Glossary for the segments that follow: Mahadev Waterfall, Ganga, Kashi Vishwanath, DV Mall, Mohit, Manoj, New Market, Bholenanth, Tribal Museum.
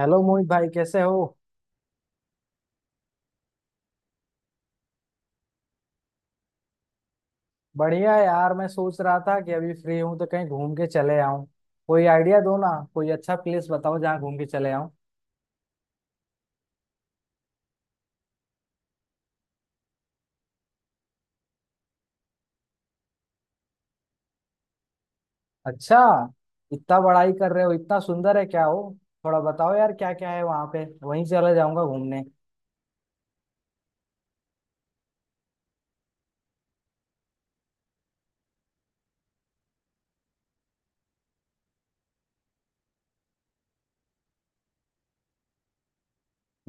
Hello Mohit भाई, कैसे हो। बढ़िया यार, मैं सोच रहा था कि अभी फ्री हूँ तो कहीं घूम के चले आऊं। कोई आइडिया दो ना। कोई अच्छा प्लेस बताओ जहाँ घूम के चले आऊं। अच्छा, इतना बड़ाई कर रहे हो, इतना सुंदर है क्या हो। थोड़ा बताओ यार क्या क्या है वहाँ पे, वहीं चला जाऊंगा घूमने।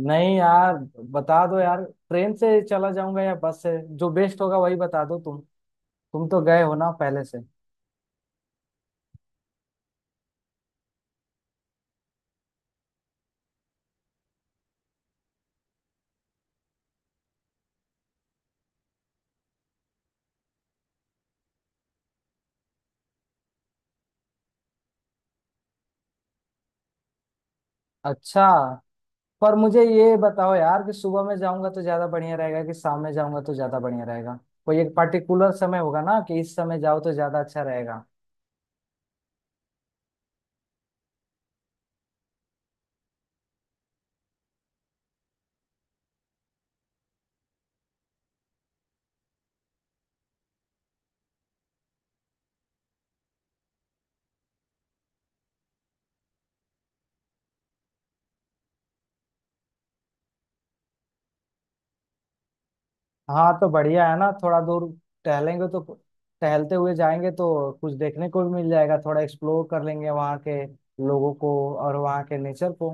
नहीं यार, बता दो यार। ट्रेन से चला जाऊंगा या बस से, जो बेस्ट होगा वही बता दो तुम। तुम तो गए हो ना पहले से। अच्छा, पर मुझे ये बताओ यार कि सुबह में जाऊंगा तो ज्यादा बढ़िया रहेगा कि शाम में जाऊंगा तो ज्यादा बढ़िया रहेगा। कोई एक पर्टिकुलर समय होगा ना कि इस समय जाओ तो ज्यादा अच्छा रहेगा। हाँ तो बढ़िया है ना, थोड़ा दूर टहलेंगे तो। टहलते हुए जाएंगे तो कुछ देखने को भी मिल जाएगा, थोड़ा एक्सप्लोर कर लेंगे वहाँ के लोगों को और वहाँ के नेचर को।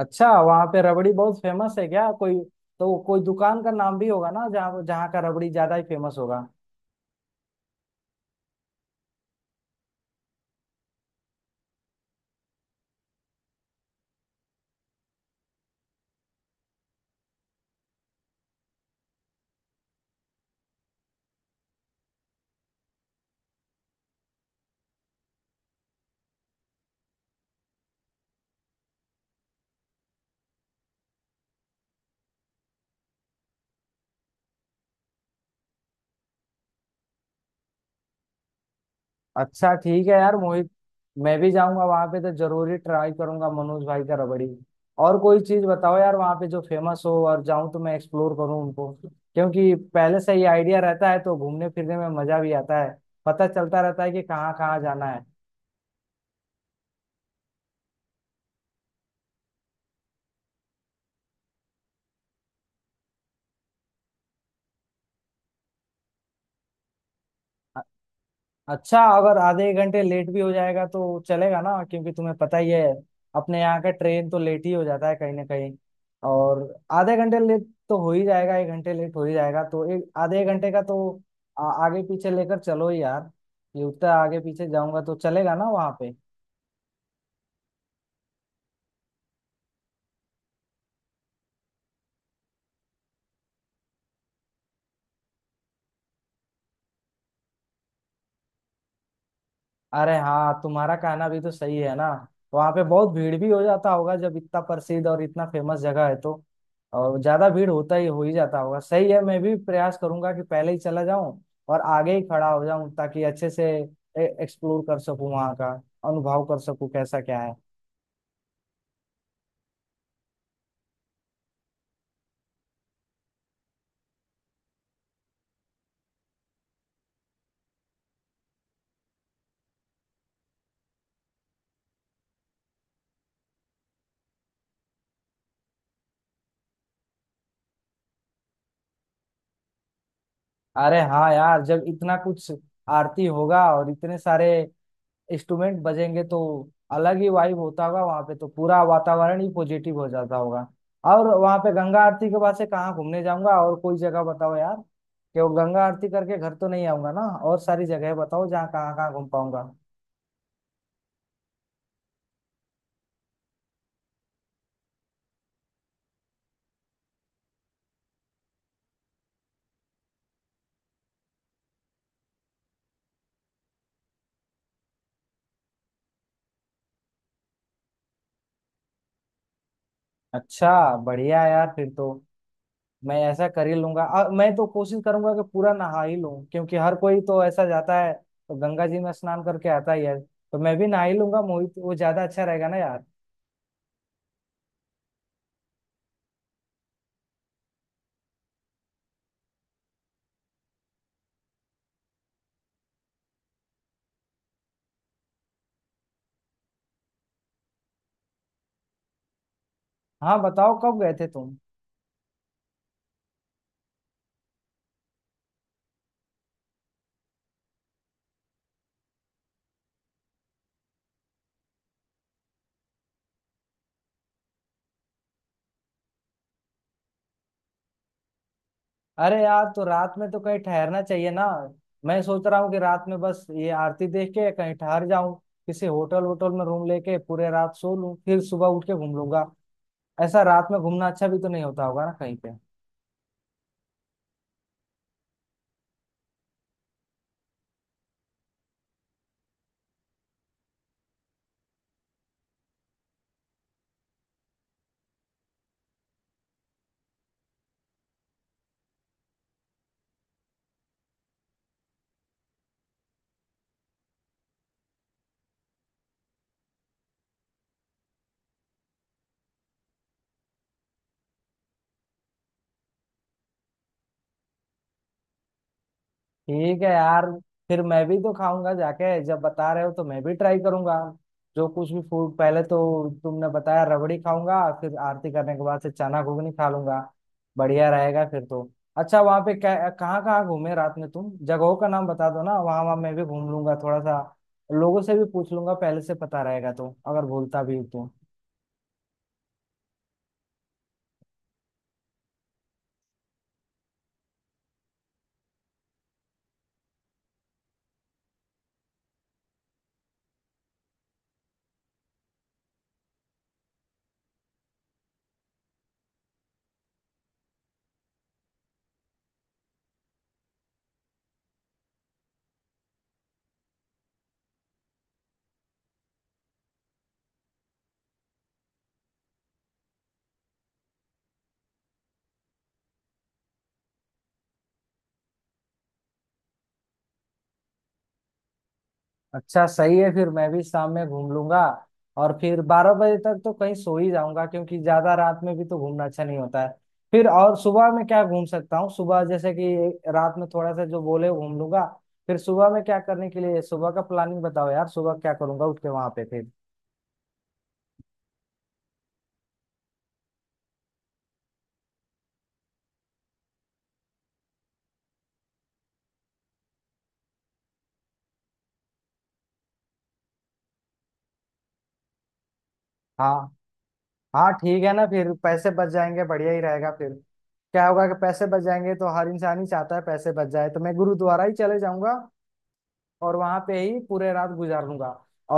अच्छा, वहाँ पे रबड़ी बहुत फेमस है क्या। कोई तो कोई दुकान का नाम भी होगा ना, जहाँ जहाँ का रबड़ी ज्यादा ही फेमस होगा। अच्छा ठीक है यार मोहित, मैं भी जाऊंगा वहां पे तो जरूरी ट्राई करूंगा मनोज भाई का रबड़ी। और कोई चीज बताओ यार वहां पे जो फेमस हो, और जाऊं तो मैं एक्सप्लोर करूं उनको, क्योंकि पहले से ही आइडिया रहता है तो घूमने फिरने में मजा भी आता है। पता चलता रहता है कि कहाँ कहाँ जाना है। अच्छा, अगर आधे एक घंटे लेट भी हो जाएगा तो चलेगा ना, क्योंकि तुम्हें पता ही है, अपने यहाँ का ट्रेन तो लेट ही हो जाता है कहीं ना कहीं। और आधे घंटे लेट तो हो ही जाएगा, एक घंटे लेट हो ही जाएगा, तो एक आधे एक घंटे का तो आगे पीछे लेकर चलो यार। ये उतना आगे पीछे जाऊंगा तो चलेगा ना वहाँ पे। अरे हाँ, तुम्हारा कहना भी तो सही है ना। वहाँ पे बहुत भीड़ भी हो जाता होगा जब इतना प्रसिद्ध और इतना फेमस जगह है तो, और ज्यादा भीड़ होता ही हो ही जाता होगा। सही है, मैं भी प्रयास करूंगा कि पहले ही चला जाऊं और आगे ही खड़ा हो जाऊं, ताकि अच्छे से एक्सप्लोर कर सकूं वहाँ का, अनुभव कर सकूं कैसा क्या है। अरे हाँ यार, जब इतना कुछ आरती होगा और इतने सारे इंस्ट्रूमेंट बजेंगे तो अलग ही वाइब होता होगा वहां पे, तो पूरा वातावरण ही पॉजिटिव हो जाता होगा। और वहां पे गंगा आरती के बाद से कहाँ घूमने जाऊंगा, और कोई जगह बताओ यार। क्यों, गंगा आरती करके घर तो नहीं आऊंगा ना। और सारी जगह बताओ जहाँ कहाँ कहाँ घूम पाऊंगा। अच्छा, बढ़िया यार फिर तो। मैं ऐसा कर ही लूंगा और मैं तो कोशिश करूंगा कि पूरा नहा ही लूं, क्योंकि हर कोई तो ऐसा जाता है तो गंगा जी में स्नान करके आता ही है, तो मैं भी नहा ही लूंगा मोहित, वो ज्यादा अच्छा रहेगा ना यार। हाँ बताओ, कब गए थे तुम। अरे यार, तो रात में तो कहीं ठहरना चाहिए ना। मैं सोच रहा हूँ कि रात में बस ये आरती देख के कहीं ठहर जाऊं, किसी होटल वोटल में रूम लेके पूरे रात सो लूं, फिर सुबह उठ के घूम लूंगा। ऐसा रात में घूमना अच्छा भी तो नहीं होता होगा ना कहीं पे। ठीक है यार, फिर मैं भी तो खाऊंगा जाके, जब बता रहे हो तो मैं भी ट्राई करूंगा जो कुछ भी फूड। पहले तो तुमने बताया रबड़ी खाऊंगा, फिर आरती करने के बाद से चना घुगनी खा लूंगा। बढ़िया रहेगा फिर तो। अच्छा, वहां पे क्या कहाँ कहाँ घूमे रात में तुम, जगहों का नाम बता दो ना, वहां वहां मैं भी घूम लूंगा थोड़ा सा। लोगों से भी पूछ लूंगा, पहले से पता रहेगा तो अगर भूलता भी हूं तो। अच्छा सही है, फिर मैं भी शाम में घूम लूंगा। और फिर 12 बजे तक तो कहीं सो ही जाऊंगा, क्योंकि ज्यादा रात में भी तो घूमना अच्छा नहीं होता है। फिर और सुबह में क्या घूम सकता हूँ, सुबह जैसे कि रात में थोड़ा सा जो बोले घूम लूंगा, फिर सुबह में क्या करने के लिए, सुबह का प्लानिंग बताओ यार, सुबह क्या करूंगा उठ के वहां पे फिर। हाँ हाँ ठीक है ना, फिर पैसे बच जाएंगे बढ़िया ही रहेगा फिर। क्या होगा कि पैसे बच जाएंगे तो, हर इंसान ही चाहता है पैसे बच जाए, तो मैं गुरुद्वारा ही चले जाऊंगा और वहां पे ही पूरे रात गुजार लूंगा।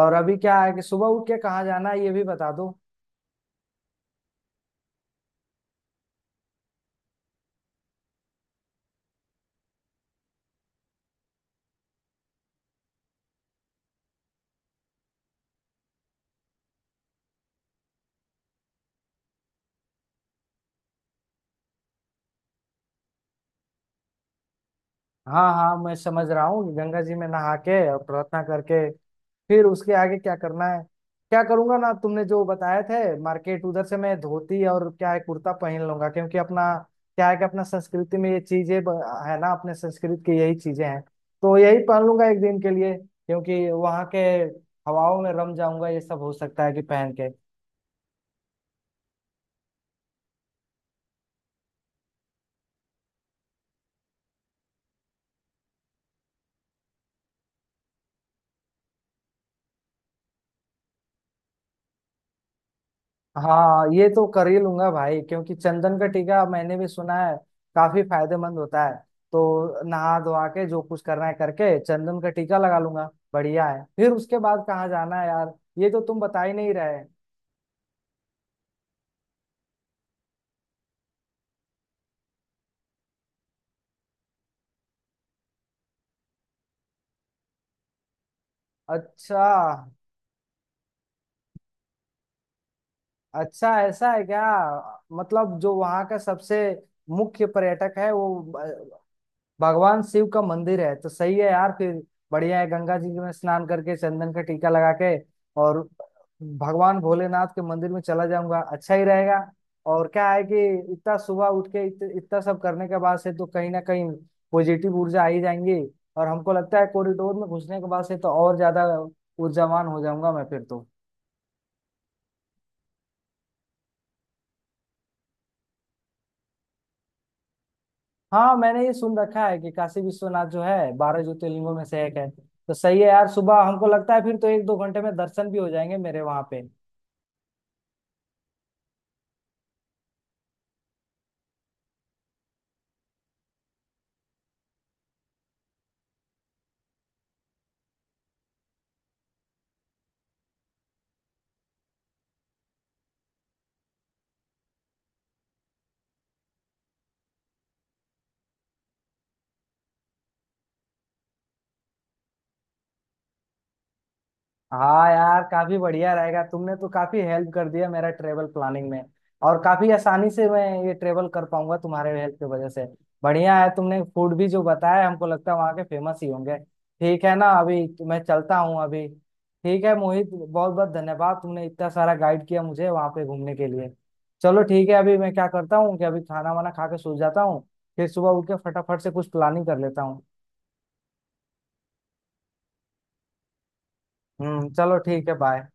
और अभी क्या है कि सुबह उठ के कहाँ जाना है ये भी बता दो। हाँ हाँ मैं समझ रहा हूँ, गंगा जी में नहा के और प्रार्थना करके फिर उसके आगे क्या करना है। क्या करूंगा ना, तुमने जो बताए थे मार्केट, उधर से मैं धोती और क्या है कुर्ता पहन लूंगा, क्योंकि अपना क्या है कि अपना संस्कृति में ये चीजें है ना, अपने संस्कृत की यही चीजें हैं। तो यही पहन लूंगा एक दिन के लिए, क्योंकि वहाँ के हवाओं में रम जाऊंगा ये सब, हो सकता है कि पहन के। हाँ, ये तो कर ही लूंगा भाई, क्योंकि चंदन का टीका मैंने भी सुना है काफी फायदेमंद होता है। तो नहा धोवा के जो कुछ करना है करके चंदन का टीका लगा लूंगा। बढ़िया है, फिर उसके बाद कहाँ जाना है यार, ये तो तुम बता ही नहीं रहे। अच्छा। अच्छा, ऐसा है क्या। मतलब जो वहाँ का सबसे मुख्य पर्यटक है वो भगवान शिव का मंदिर है, तो सही है यार फिर। बढ़िया है, गंगा जी में स्नान करके चंदन का टीका लगा के और भगवान भोलेनाथ के मंदिर में चला जाऊंगा, अच्छा ही रहेगा। और क्या है कि इतना सुबह उठ के इतना सब करने के बाद से तो कहीं ना कहीं पॉजिटिव ऊर्जा आ ही जाएंगी। और हमको लगता है कॉरिडोर में घुसने के बाद से तो और ज्यादा ऊर्जावान हो जाऊंगा मैं फिर तो। हाँ, मैंने ये सुन रखा है कि काशी विश्वनाथ जो है 12 ज्योतिर्लिंगों में से एक है। तो सही है यार, सुबह हमको लगता है फिर तो एक दो घंटे में दर्शन भी हो जाएंगे मेरे वहां पे। हाँ यार, काफी बढ़िया रहेगा, तुमने तो काफी हेल्प कर दिया मेरा ट्रेवल प्लानिंग में, और काफी आसानी से मैं ये ट्रेवल कर पाऊंगा तुम्हारे हेल्प की वजह से। बढ़िया है, तुमने फूड भी जो बताया हमको लगता है वहाँ के फेमस ही होंगे। ठीक है ना, अभी तो मैं चलता हूँ अभी। ठीक है मोहित, बहुत बहुत धन्यवाद, तुमने इतना सारा गाइड किया मुझे वहाँ पे घूमने के लिए। चलो ठीक है, अभी मैं क्या करता हूँ कि अभी खाना वाना खा के सो जाता हूँ, फिर सुबह उठ के फटाफट से कुछ प्लानिंग कर लेता हूँ। हम्म, चलो ठीक है, बाय।